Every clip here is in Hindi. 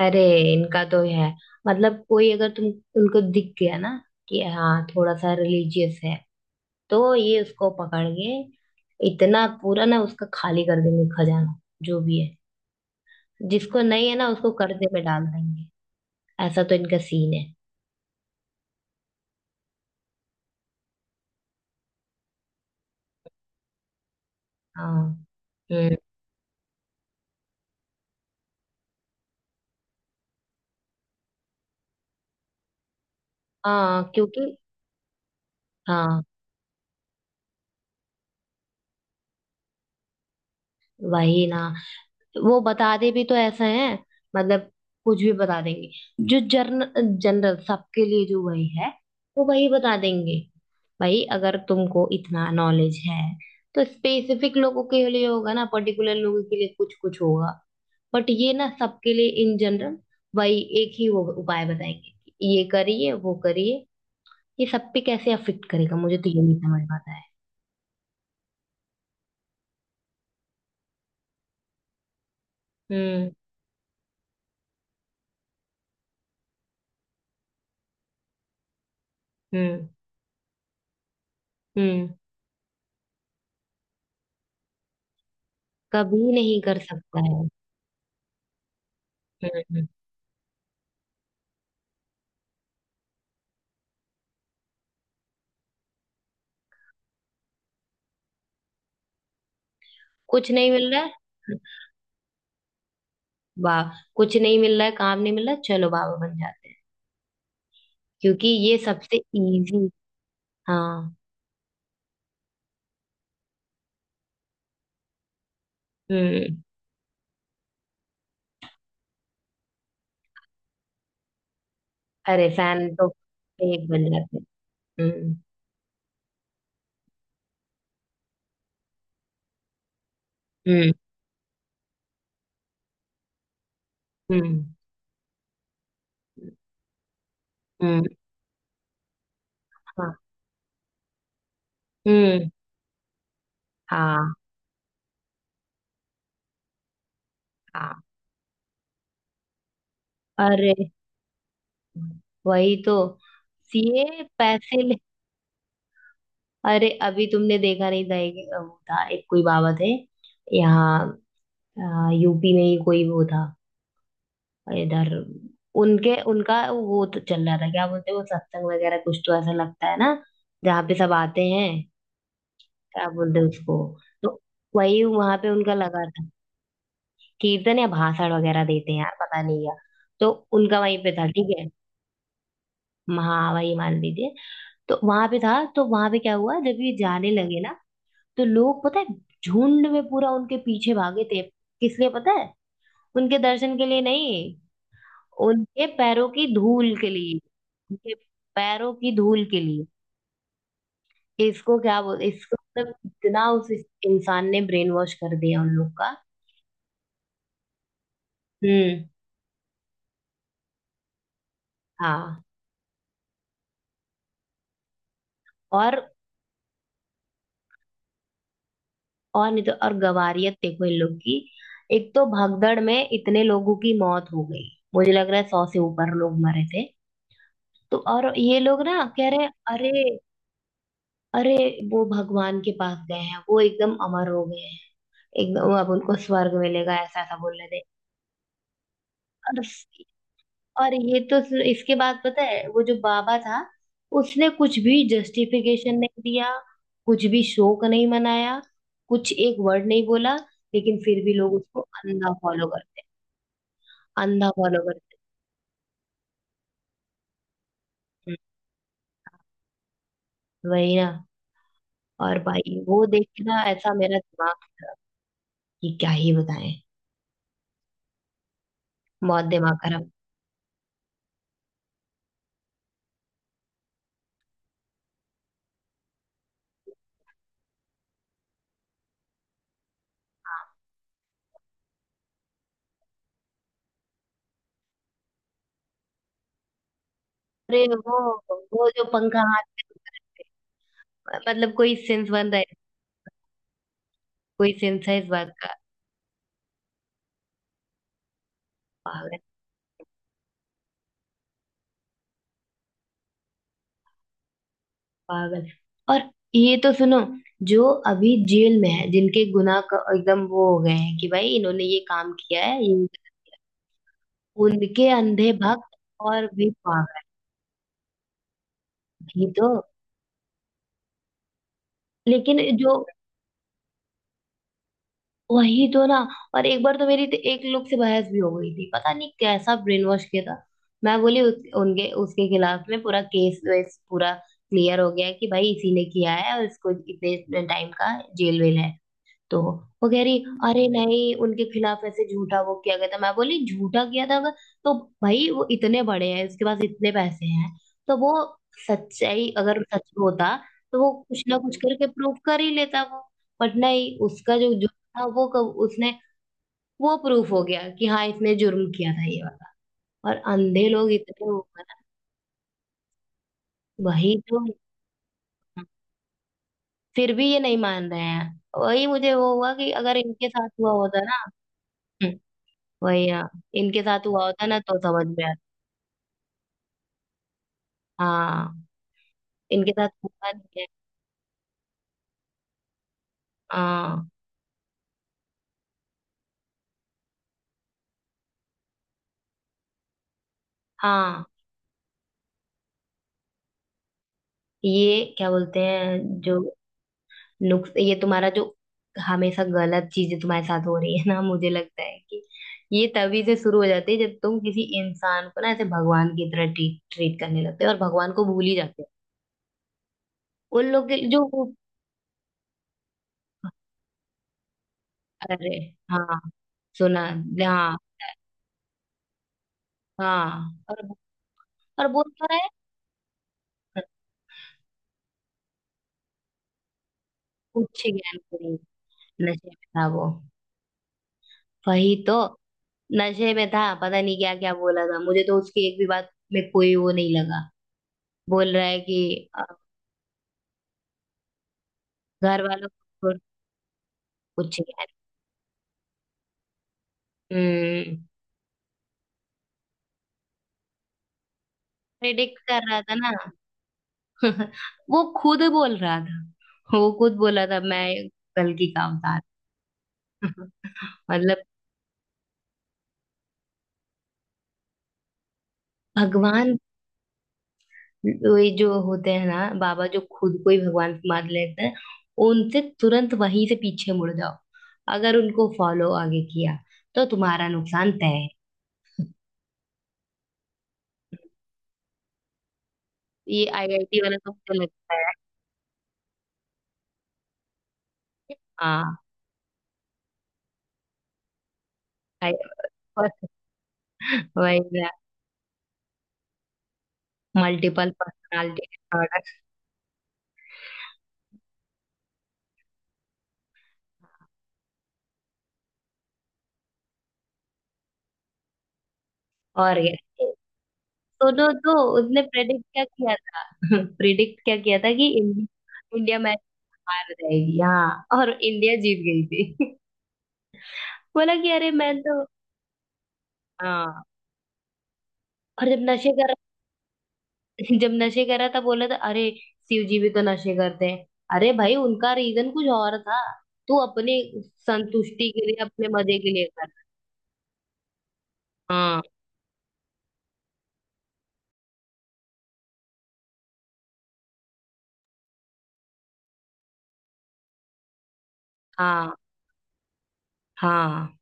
अरे इनका तो है। मतलब कोई अगर तुम उनको दिख गया ना कि हाँ थोड़ा सा रिलीजियस है तो ये उसको पकड़ के इतना पूरा ना उसका खाली कर देंगे खजाना जो भी है। जिसको नहीं है ना उसको कर्जे में डाल देंगे। ऐसा तो इनका सीन है। हाँ। हम्म। हाँ, क्योंकि हाँ वही ना। वो बताते भी तो ऐसे हैं, मतलब कुछ भी बता देंगे। जो जर्न जनरल सबके लिए जो वही है वो वही बता देंगे। भाई अगर तुमको इतना नॉलेज है तो स्पेसिफिक लोगों के लिए होगा ना, पर्टिकुलर लोगों के लिए कुछ कुछ होगा। बट ये ना सबके लिए इन जनरल वही एक ही वो उपाय बताएंगे कि ये करिए वो करिए। ये सब पे कैसे अफेक्ट करेगा मुझे तो ये नहीं समझ पाता है। हम्म। हम्म। हम्म। कभी नहीं कर सकता है। हम्म। कुछ नहीं मिल रहा है। वाह। कुछ नहीं मिल रहा है, काम नहीं मिल रहा है, चलो बाबा बन जाते हैं, क्योंकि ये सबसे इजी। हाँ। हम्म। अरे फैन तो एक बन जाते हैं। हम्म। हम्म। हम्म। हम्म। हाँ। हम्म। हाँ। हाँ। अरे वही तो, सीए पैसे ले। अरे अभी तुमने देखा नहीं था, एक वो था, एक कोई बाबा थे यहाँ, यूपी में ही कोई वो था। और इधर उनके उनका वो तो चल रहा था, क्या बोलते हैं वो सत्संग वगैरह कुछ तो ऐसा लगता है ना, जहाँ पे सब आते हैं। क्या बोलते हैं उसको? तो वही वहां पे उनका लगा था। कीर्तन या भाषण वगैरह देते हैं यार, पता नहीं क्या। तो उनका वहीं पे था, ठीक है। हाँ वही मान लीजिए। तो वहां पे था, तो वहां पे क्या हुआ जब ये जाने लगे ना, तो लोग पता है झुंड में पूरा उनके पीछे भागे थे। किस लिए पता है? उनके दर्शन के लिए नहीं, उनके पैरों की धूल के लिए। उनके पैरों की धूल के लिए। इसको क्या बोल इसको, मतलब इतना उस इंसान ने ब्रेन वॉश कर दिया उन लोग का। हम्म। हाँ। और और नहीं तो और गवारियत देखो इन लोग की। एक तो भगदड़ में इतने लोगों की मौत हो गई, मुझे लग रहा है 100 से ऊपर लोग मरे थे। तो और ये लोग ना कह रहे हैं, अरे। अरे वो भगवान के पास गए हैं, वो एकदम अमर हो गए हैं, एकदम अब उनको स्वर्ग मिलेगा, ऐसा ऐसा बोल रहे थे। और इसके बाद पता है वो जो बाबा था, उसने कुछ भी जस्टिफिकेशन नहीं दिया। कुछ भी शोक नहीं मनाया, कुछ एक वर्ड नहीं बोला, लेकिन फिर भी लोग उसको अंधा फॉलो करते हैं। अंधा फॉलो करते हैं। वही ना। और भाई वो देख के ना ऐसा मेरा दिमाग खराब, कि क्या ही बताएं। बहुत दिमाग खराब। अरे वो जो पंखा हाथ में। मतलब कोई सेंस बन रहा है? कोई सेंस है इस बात का? पागल। पागल। और ये तो सुनो, जो अभी जेल में है, जिनके एकदम वो हो गए हैं कि भाई इन्होंने ये काम किया है उनके अंधे भक्त और भी पागल। ही तो। लेकिन जो वही तो ना। और एक बार तो मेरी तो एक लोग से बहस भी हो गई थी, पता नहीं कैसा ब्रेन वॉश किया था। मैं बोली उनके उसके खिलाफ में पूरा केस वेस पूरा क्लियर हो गया कि भाई इसी ने किया है और इसको इतने टाइम का जेल वेल है। तो वो कह रही, अरे नहीं, उनके खिलाफ ऐसे झूठा वो किया गया था। मैं बोली झूठा किया था अगर, तो भाई वो इतने बड़े हैं, उसके पास इतने पैसे हैं, तो वो सच्चाई अगर सच में होता तो वो कुछ ना कुछ करके प्रूफ कर ही लेता वो। बट नहीं, उसका जो जुर्म था वो कब उसने, वो प्रूफ हो गया कि हाँ इसने जुर्म किया था ये वाला। और अंधे लोग इतने वो हैं ना, वही तो फिर भी ये नहीं मान रहे हैं। वही मुझे वो हुआ कि अगर इनके साथ हुआ होता ना। वही हाँ, इनके साथ हुआ होता ना तो समझ में आता। हाँ। इनके साथ हुआ नहीं है। हाँ। हाँ। ये क्या बोलते हैं जो नुक्स ये तुम्हारा जो हमेशा गलत चीजें तुम्हारे साथ हो रही है ना, मुझे लगता है कि ये तभी से शुरू हो जाती है जब तुम किसी इंसान को ना ऐसे भगवान की तरह ट्रीट ट्रीट करने लगते हो और भगवान को भूल ही जाते हो उन लोग के जो वो-। अरे हाँ, सुना। हाँ हाँ। और बोल तो रहा है। उच्च ज्ञान के लिए। नशे में था वो। वही तो। नशे में था, पता नहीं क्या क्या बोला था, मुझे तो उसकी एक भी बात में कोई वो नहीं लगा। बोल रहा है कि घर वालों को छोड़- कुछ यार। हम्म। प्रेडिक्ट कर रहा था ना। वो खुद बोल रहा था, वो खुद बोला था मैं कल की काम था। मतलब भगवान, ये जो होते हैं ना बाबा जो खुद को ही भगवान मान लेते हैं, उनसे तुरंत वहीं से पीछे मुड़ जाओ। अगर उनको फॉलो आगे किया तो तुम्हारा नुकसान तय है। ये आईआईटी वाला तो मुझे लगता है हाँ, आई, बस वही मल्टीपल पर्सनालिटी डिसऑर्डर। और क्या। सुनो तो, उसने प्रेडिक्ट क्या किया था? प्रेडिक्ट क्या किया था कि इंडिया इंडिया मैच हार जाएगी, हाँ और इंडिया जीत गई थी। बोला कि अरे मैं तो। हाँ, और जब नशे कर। जब नशे कर रहा था बोला था, अरे शिव जी भी तो नशे करते हैं। अरे भाई उनका रीजन कुछ और था, तू अपनी संतुष्टि के लिए अपने मजे के लिए कर। हाँ। हाँ। हाँ।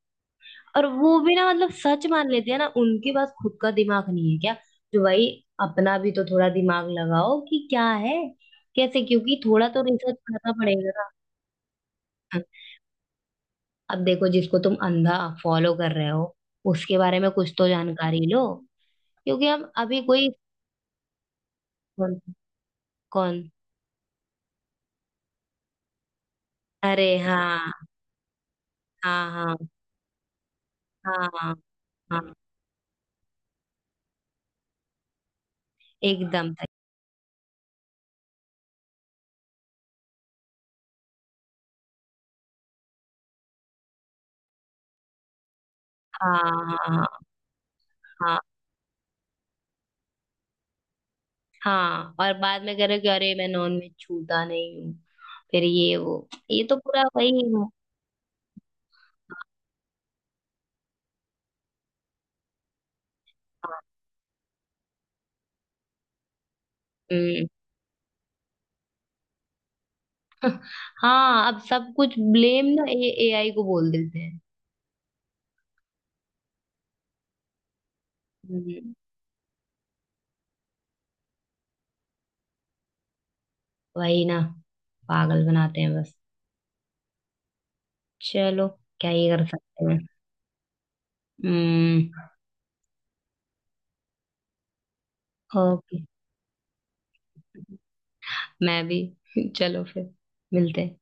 और वो भी ना मतलब सच मान लेते हैं ना, उनके पास खुद का दिमाग नहीं है क्या? तो भाई अपना भी तो थोड़ा दिमाग लगाओ कि क्या है कैसे, क्योंकि थोड़ा तो रिसर्च करना पड़ेगा ना। अब देखो जिसको तुम अंधा फॉलो कर रहे हो उसके बारे में कुछ तो जानकारी लो। क्योंकि हम अभी कोई कौन कौन अरे हाँ। हाँ हाँ। हाँ हाँ। हाँ, एकदम सही। हाँ। हाँ हाँ। हाँ। हाँ, और बाद में करो कि अरे मैं नॉन वेज छूता नहीं हूँ, फिर ये वो ये तो पूरा वही। हम्म। हाँ अब सब कुछ ब्लेम ना ए एआई को बोल देते हैं। हम्म, वही ना। पागल बनाते हैं बस। चलो क्या ही कर सकते हैं। हम्म। ओके, मैं भी। चलो फिर मिलते हैं।